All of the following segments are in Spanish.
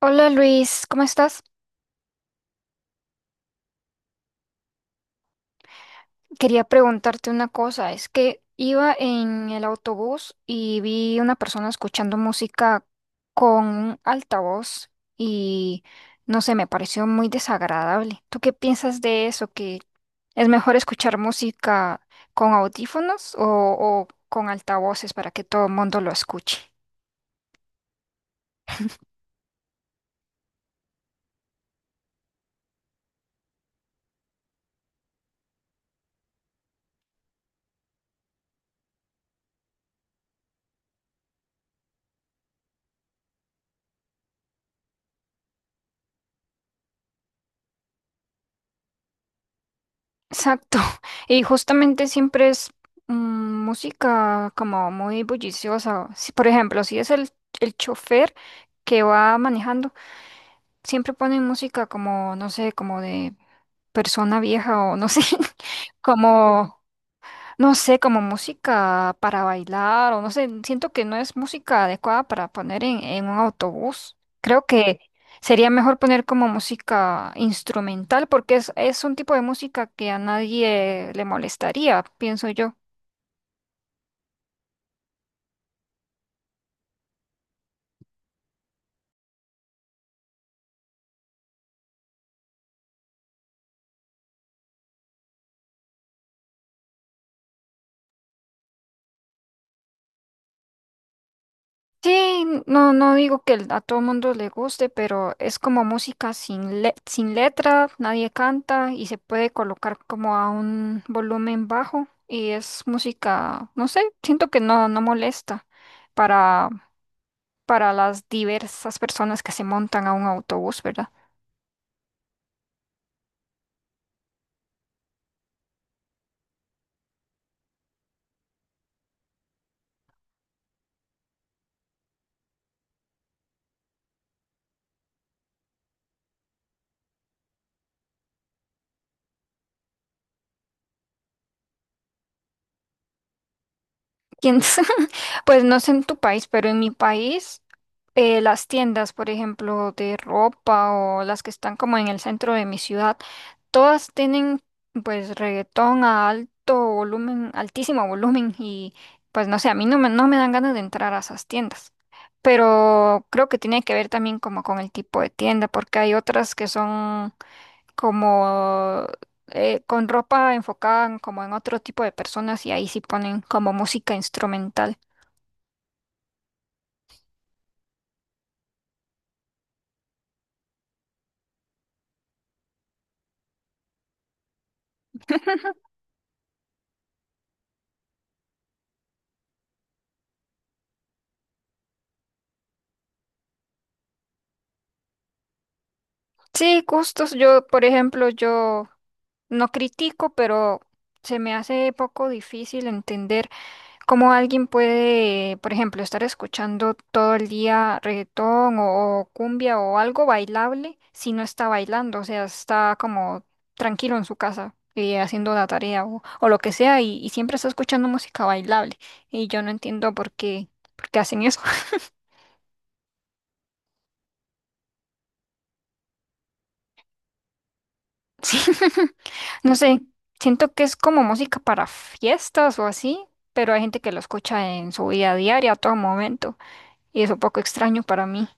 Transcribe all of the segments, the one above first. Hola Luis, ¿cómo estás? Quería preguntarte una cosa. Es que iba en el autobús y vi una persona escuchando música con un altavoz y no sé, me pareció muy desagradable. ¿Tú qué piensas de eso? ¿Que es mejor escuchar música con audífonos o con altavoces para que todo el mundo lo escuche? Exacto. Y justamente siempre es mm, música como muy bulliciosa. Si, por ejemplo, si es el chofer que va manejando, siempre ponen música como, no sé, como de persona vieja o no sé, como, no sé, como música para bailar o no sé, siento que no es música adecuada para poner en un autobús. Creo que sería mejor poner como música instrumental porque es un tipo de música que a nadie le molestaría, pienso yo. Sí, no, no digo que a todo mundo le guste, pero es como música sin letra, nadie canta y se puede colocar como a un volumen bajo y es música, no sé, siento que no molesta para, para las diversas personas que se montan a un autobús, ¿verdad? ¿Quién s- Pues no sé en tu país, pero en mi país las tiendas, por ejemplo, de ropa o las que están como en el centro de mi ciudad, todas tienen pues reggaetón a alto volumen, altísimo volumen y pues no sé, a mí no me dan ganas de entrar a esas tiendas. Pero creo que tiene que ver también como con el tipo de tienda, porque hay otras que son como con ropa como en otro tipo de personas y ahí sí ponen como música instrumental. Sí, gustos. Yo, por ejemplo, yo no critico, pero se me hace poco difícil entender cómo alguien puede, por ejemplo, estar escuchando todo el día reggaetón o cumbia o algo bailable si no está bailando, o sea, está como tranquilo en su casa y haciendo la tarea o lo que sea y siempre está escuchando música bailable. Y yo no entiendo por qué hacen eso. Sí, no sé, siento que es como música para fiestas o así, pero hay gente que lo escucha en su vida diaria a todo momento y es un poco extraño para mí.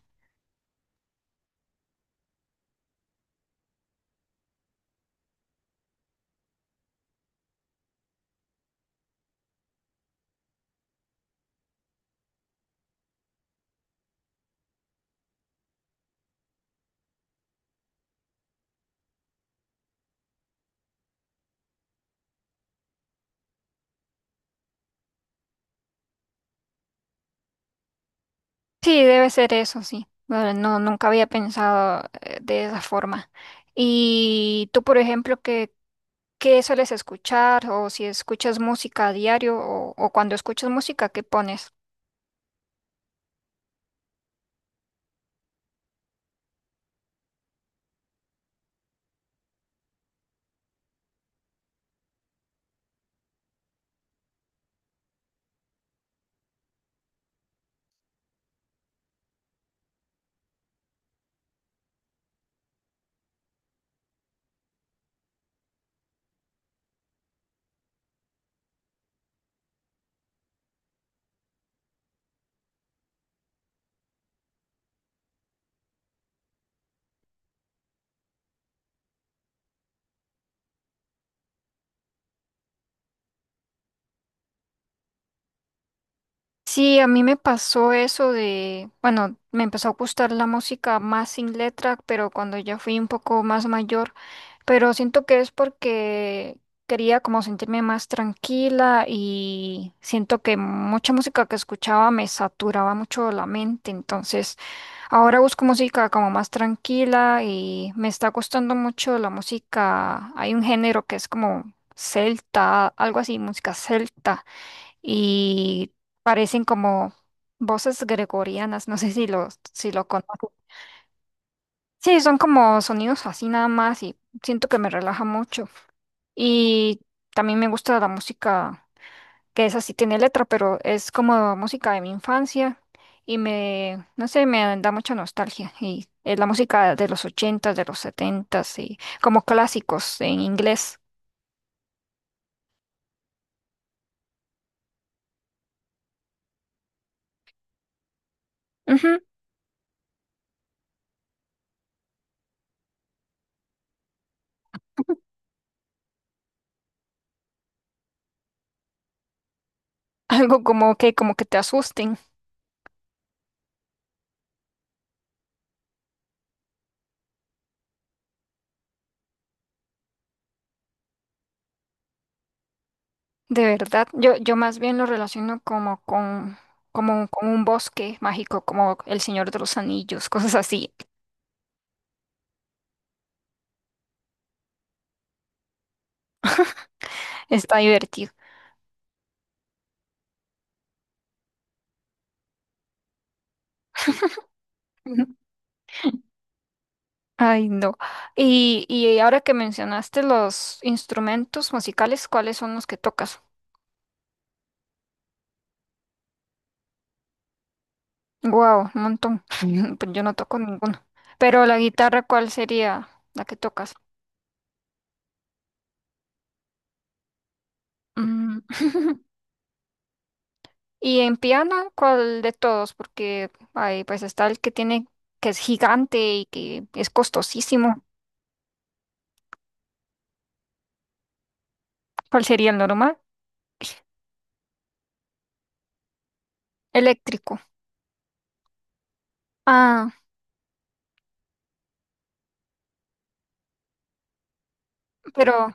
Sí, debe ser eso, sí. No, no, nunca había pensado de esa forma. Y tú, por ejemplo, ¿qué, qué sueles escuchar o si escuchas música a diario o cuando escuchas música, ¿qué pones? Sí, a mí me pasó eso de, bueno, me empezó a gustar la música más sin letra, pero cuando ya fui un poco más mayor, pero siento que es porque quería como sentirme más tranquila y siento que mucha música que escuchaba me saturaba mucho la mente, entonces ahora busco música como más tranquila y me está gustando mucho la música, hay un género que es como celta, algo así, música celta y parecen como voces gregorianas, no sé si lo conozco. Sí, son como sonidos así nada más y siento que me relaja mucho. Y también me gusta la música, que es así, tiene letra, pero es como música de mi infancia y me, no sé, me da mucha nostalgia. Y es la música de los ochentas, de los setentas y como clásicos en inglés. Ujú, ujú. Algo como que te asusten. De verdad, yo más bien lo relaciono como con un bosque mágico, como El Señor de los Anillos, cosas así. Está divertido. Ujú. Ay, no. Y ahora que mencionaste los instrumentos musicales, ¿cuáles son los que tocas? Wow, un montón. Pues yo no toco ninguno. Pero la guitarra, ¿cuál sería la que tocas? Mm. Y en piano, ¿cuál de todos? Porque ay, pues está el que tiene, que es gigante y que es costosísimo. ¿Cuál sería el normal? Eléctrico. Ah, pero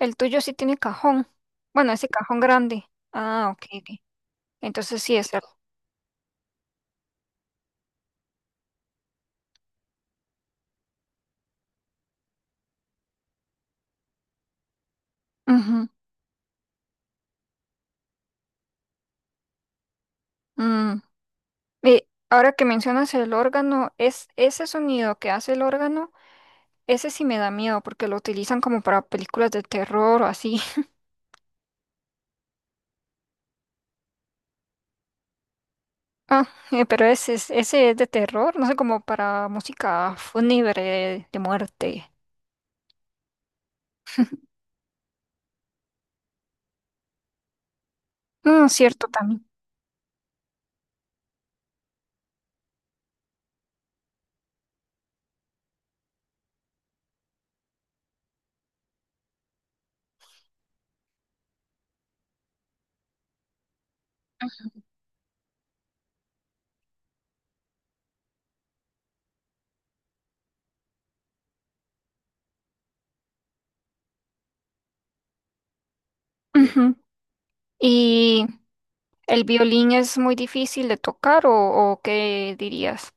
el tuyo sí tiene cajón. Bueno, ese cajón grande. Ah, ok. Ok. Entonces sí es algo. Y ahora que mencionas el órgano, es ese sonido que hace el órgano, ese sí me da miedo porque lo utilizan como para películas de terror o así. Ah, pero ese es de terror, no sé, como para música fúnebre de muerte. No, cierto también. Ujú. Y ¿el violín es muy difícil de tocar o qué dirías?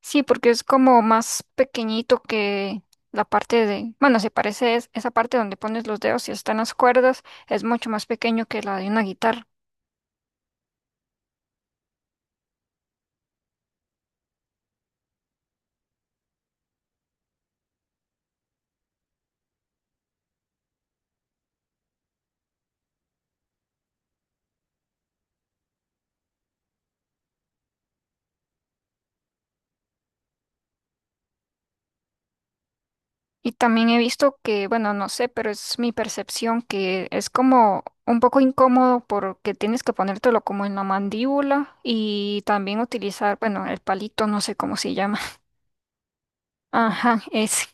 Sí, porque es como más pequeñito que la parte de, bueno, se parece esa parte donde pones los dedos y están las cuerdas, es mucho más pequeño que la de una guitarra. Y también he visto que, bueno, no sé, pero es mi percepción que es como un poco incómodo porque tienes que ponértelo como en la mandíbula y también utilizar, bueno, el palito, no sé cómo se llama. Ajá, es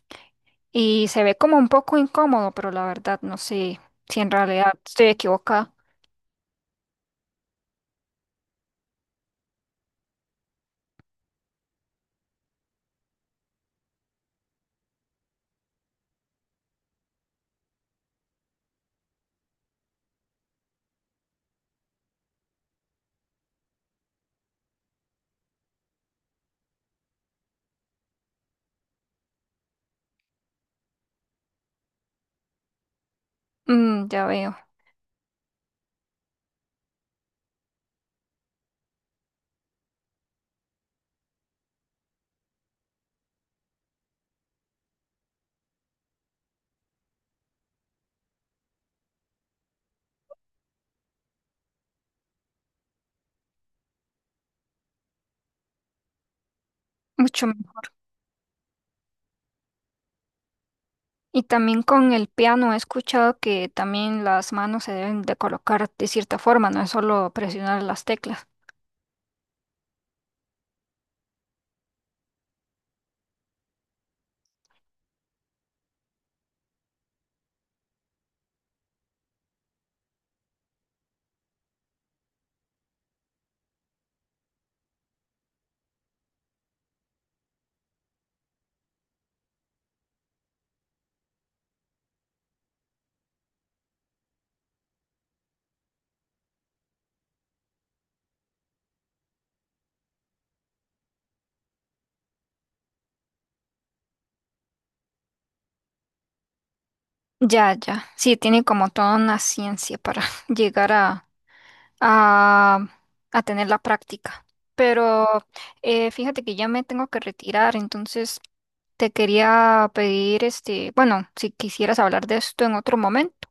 Y se ve como un poco incómodo, pero la verdad no sé si en realidad estoy equivocada. Mm, ya veo, mucho mejor. Y también con el piano he escuchado que también las manos se deben de colocar de cierta forma, no es solo presionar las teclas. Ya, ya. Sí, tiene como toda una ciencia para llegar a, a tener la práctica. Pero fíjate que ya me tengo que retirar, entonces te quería pedir, este, bueno, si quisieras hablar de esto en otro momento.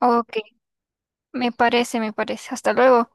Ok, me parece, me parece. Hasta luego.